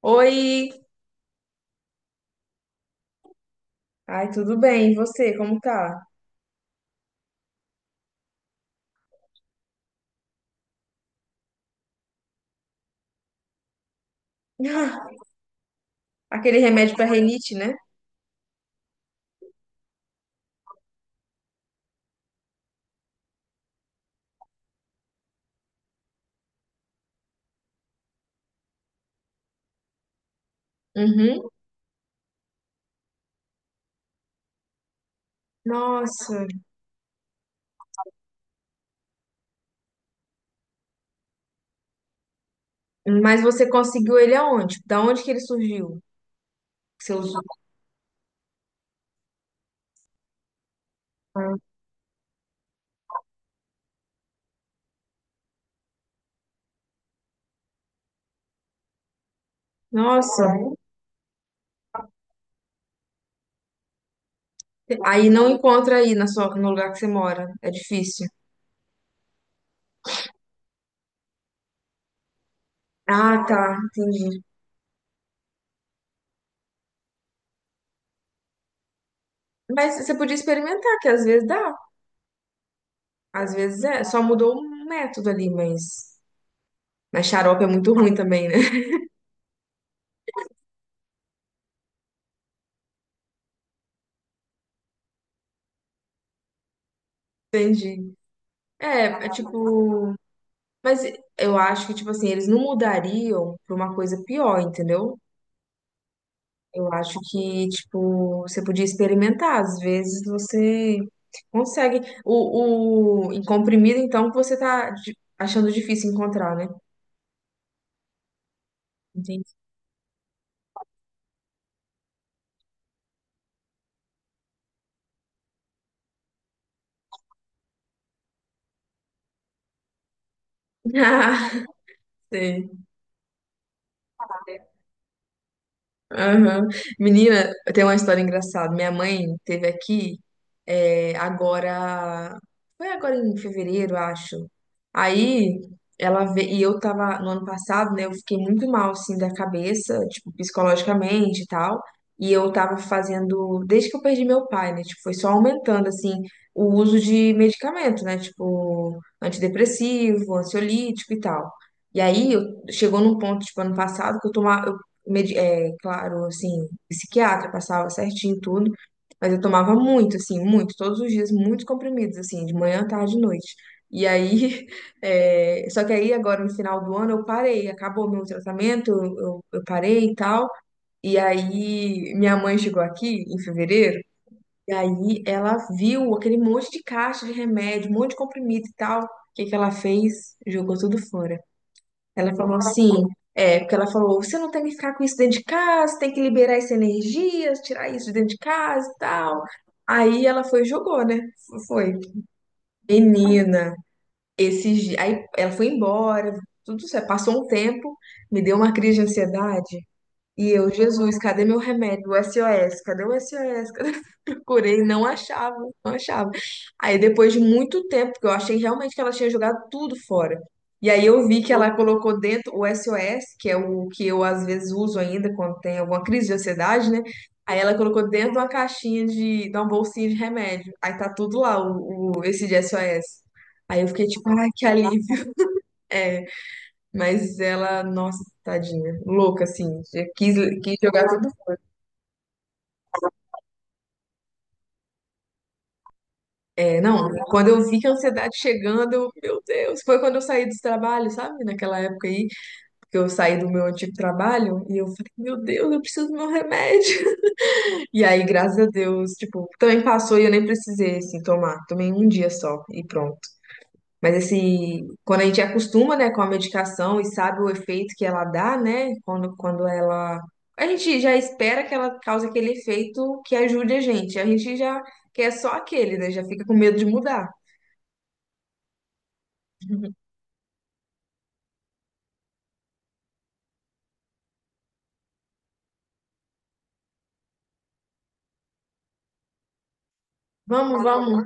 Oi! Ai, tudo bem? E você, como tá? Aquele remédio pra renite, né? Uhum. Nossa, mas você conseguiu ele aonde? Da onde que ele surgiu? Que você usou? Nossa, aí não encontra aí na sua, no lugar que você mora. É difícil. Ah, tá, entendi. Mas você podia experimentar, que às vezes dá. Às vezes é, só mudou o método ali, mas. Mas xarope é muito ruim também, né? Entendi. É tipo. Mas eu acho que, tipo assim, eles não mudariam pra uma coisa pior, entendeu? Eu acho que, tipo, você podia experimentar. Às vezes você consegue. Em comprimido, então, que você tá achando difícil encontrar, né? Entendi. Ah, sei. Aham. Menina, tem uma história engraçada. Minha mãe teve aqui agora. Foi agora em fevereiro, acho. Aí ela veio. E eu tava no ano passado, né? Eu fiquei muito mal, assim, da cabeça, tipo, psicologicamente e tal. E eu tava fazendo. Desde que eu perdi meu pai, né? Tipo, foi só aumentando, assim, o uso de medicamento, né? Tipo, antidepressivo, ansiolítico e tal. E aí eu, chegou num ponto, tipo, ano passado, que eu tomava claro, assim, psiquiatra, passava certinho tudo, mas eu tomava muito, assim, muito, todos os dias, muitos comprimidos, assim, de manhã, tarde e noite. E aí, só que aí agora no final do ano eu parei, acabou meu tratamento, eu parei e tal. E aí minha mãe chegou aqui em fevereiro, e aí ela viu aquele monte de caixa de remédio, um monte de comprimido e tal. O que que ela fez? Jogou tudo fora. Ela falou assim, porque ela falou, você não tem que ficar com isso dentro de casa, tem que liberar essa energia, tirar isso de dentro de casa e tal. Aí ela foi e jogou, né? Foi. Menina, esses dias. Aí ela foi embora, tudo certo. Passou um tempo, me deu uma crise de ansiedade. E eu, Jesus, cadê meu remédio? O SOS, cadê o SOS? Procurei, não achava, não achava. Aí depois de muito tempo, porque eu achei realmente que ela tinha jogado tudo fora. E aí eu vi que ela colocou dentro o SOS, que é o que eu às vezes uso ainda quando tem alguma crise de ansiedade, né? Aí ela colocou dentro de uma caixinha de uma bolsinha de remédio. Aí tá tudo lá, esse de SOS. Aí eu fiquei tipo, ai, que alívio. É, mas ela, nossa, tadinha, louca assim, quis, quis jogar tudo. É, não, quando eu vi que a ansiedade chegando, eu, meu Deus, foi quando eu saí do trabalho, sabe? Naquela época aí, que eu saí do meu antigo trabalho, e eu falei, meu Deus, eu preciso do meu remédio. E aí, graças a Deus, tipo, também passou e eu nem precisei, assim, tomar. Tomei um dia só e pronto. Mas, assim, quando a gente acostuma, né, com a medicação e sabe o efeito que ela dá, né, quando ela... A gente já espera que ela cause aquele efeito que ajude a gente. A gente já quer só aquele, né, já fica com medo de mudar. Vamos, vamos.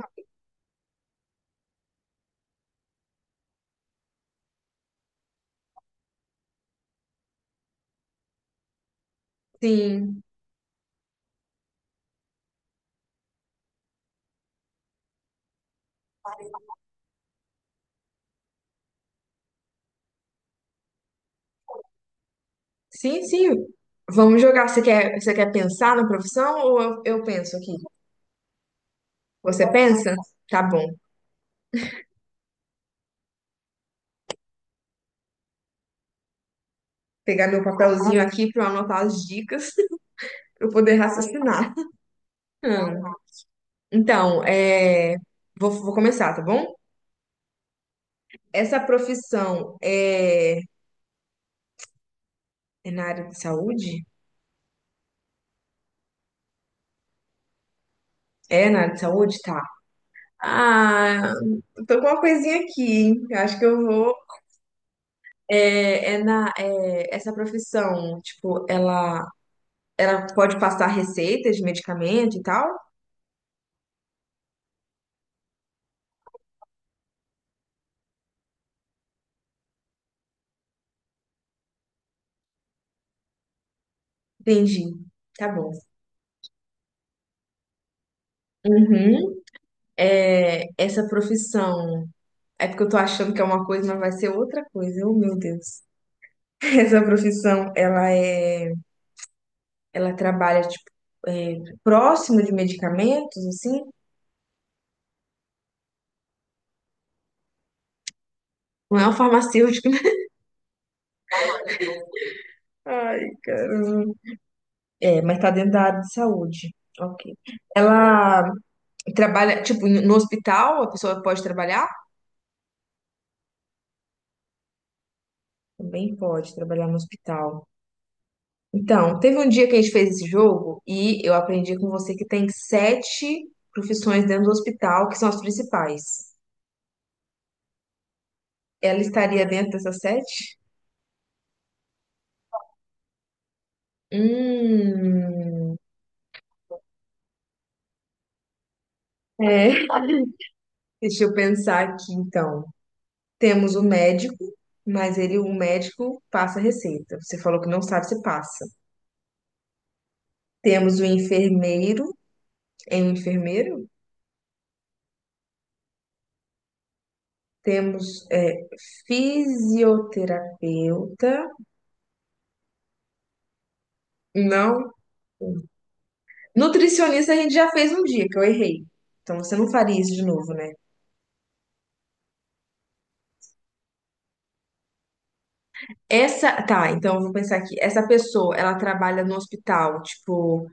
Sim, sim, sim. Vamos jogar. Você quer pensar na profissão ou eu penso aqui? Você pensa? Tá bom. Pegar meu papelzinho aqui para anotar as dicas para eu poder raciocinar. Hum. Então, vou começar, tá bom? Essa profissão é na área de saúde? É na área de saúde? Tá. Ah, tô com uma coisinha aqui. Hein? Eu acho que eu vou. Essa profissão, tipo, ela pode passar receitas de medicamento e tal? Entendi. Tá bom. Uhum. Essa profissão. É porque eu tô achando que é uma coisa, mas vai ser outra coisa. Oh, meu Deus. Essa profissão, ela é. Ela trabalha, tipo, é, próximo de medicamentos, assim? Não é um farmacêutico, né? Ai, caramba. É, mas tá dentro da área de saúde. Ok. Ela trabalha, tipo, no hospital, a pessoa pode trabalhar? Também pode trabalhar no hospital. Então, teve um dia que a gente fez esse jogo e eu aprendi com você que tem sete profissões dentro do hospital, que são as principais. Ela estaria dentro dessas sete? Hum, é. Deixa eu pensar aqui, então. Temos o médico, mas ele, o médico, passa receita. Você falou que não sabe se passa. Temos o enfermeiro, é um enfermeiro? Temos fisioterapeuta. Não. Nutricionista a gente já fez um dia, que eu errei. Então você não faria isso de novo, né? Essa, tá, então eu vou pensar aqui. Essa pessoa, ela trabalha no hospital, tipo,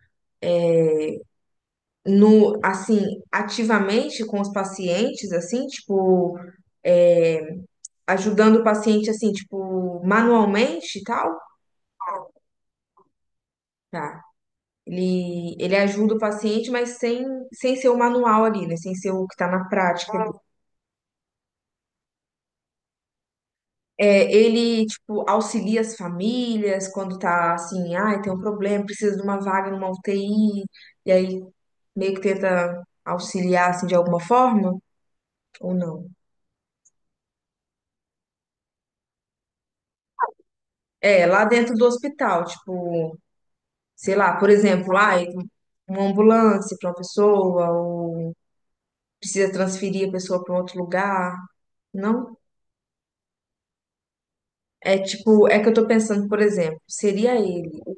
no, assim, ativamente com os pacientes, assim, tipo, é, ajudando o paciente, assim, tipo, manualmente e tal? Tá. Ele ajuda o paciente, mas sem ser o manual ali, né? Sem ser o que tá na prática. Ele, tipo, auxilia as famílias quando tá assim, ai, tem um problema, precisa de uma vaga numa UTI, e aí meio que tenta auxiliar, assim, de alguma forma, ou não? É, lá dentro do hospital, tipo, sei lá, por exemplo, ai, uma ambulância para uma pessoa, ou precisa transferir a pessoa para outro lugar, não? É tipo, é que eu tô pensando, por exemplo, seria ele, o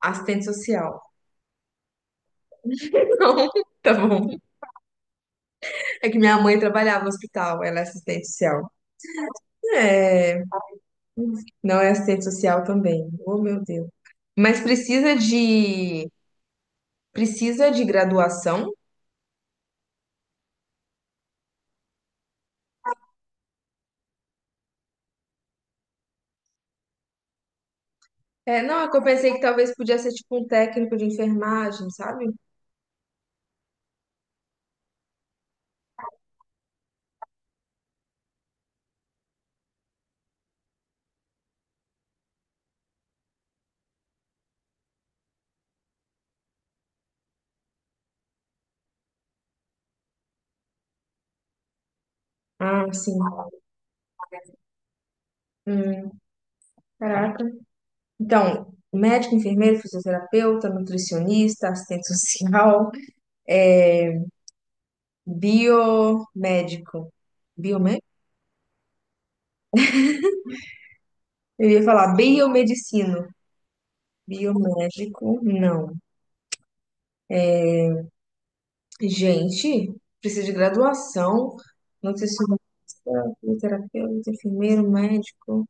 assistente social. Não, tá bom. É que minha mãe trabalhava no hospital, ela é assistente social. É, não é assistente social também. Oh, meu Deus. Mas precisa de graduação? É, não, é que eu pensei que talvez podia ser tipo um técnico de enfermagem, sabe? Ah, sim. Hum, caraca. Então, médico, enfermeiro, fisioterapeuta, nutricionista, assistente social, biomédico. Biomédico? Eu ia falar biomedicino. Biomédico, não. Gente, precisa de graduação. Fisioterapeuta, enfermeiro, médico.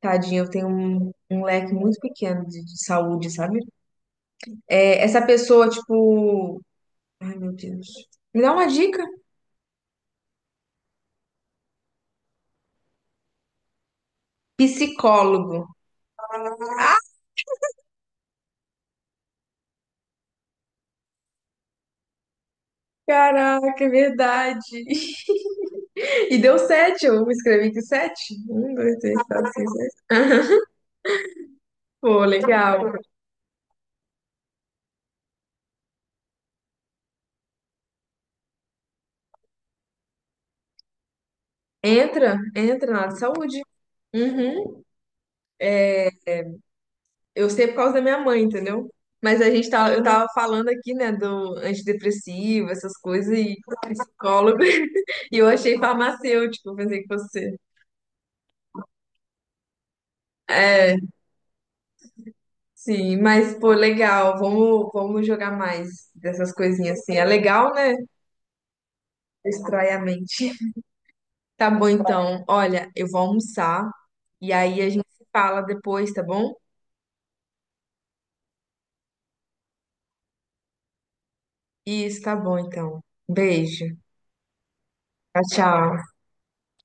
Tadinha, eu tenho um leque muito pequeno de saúde, sabe? É, essa pessoa, tipo. Ai, meu Deus. Me dá uma dica. Psicólogo. Ah, caraca, é verdade. E deu sete, eu escrevi aqui sete. Um, dois, três, quatro, cinco, seis. Pô, legal. Entra, entra na área de saúde. Uhum. Eu sei por causa da minha mãe, entendeu? Mas eu tava falando aqui, né, do antidepressivo, essas coisas, e psicólogo, e eu achei farmacêutico, eu pensei que fosse ser. É, sim, mas, pô, legal, vamos jogar mais dessas coisinhas assim. É legal, né? Distrai a mente. Tá bom, então. Olha, eu vou almoçar, e aí a gente se fala depois, tá bom? Isso, tá bom, então. Beijo. Tchau, tchau.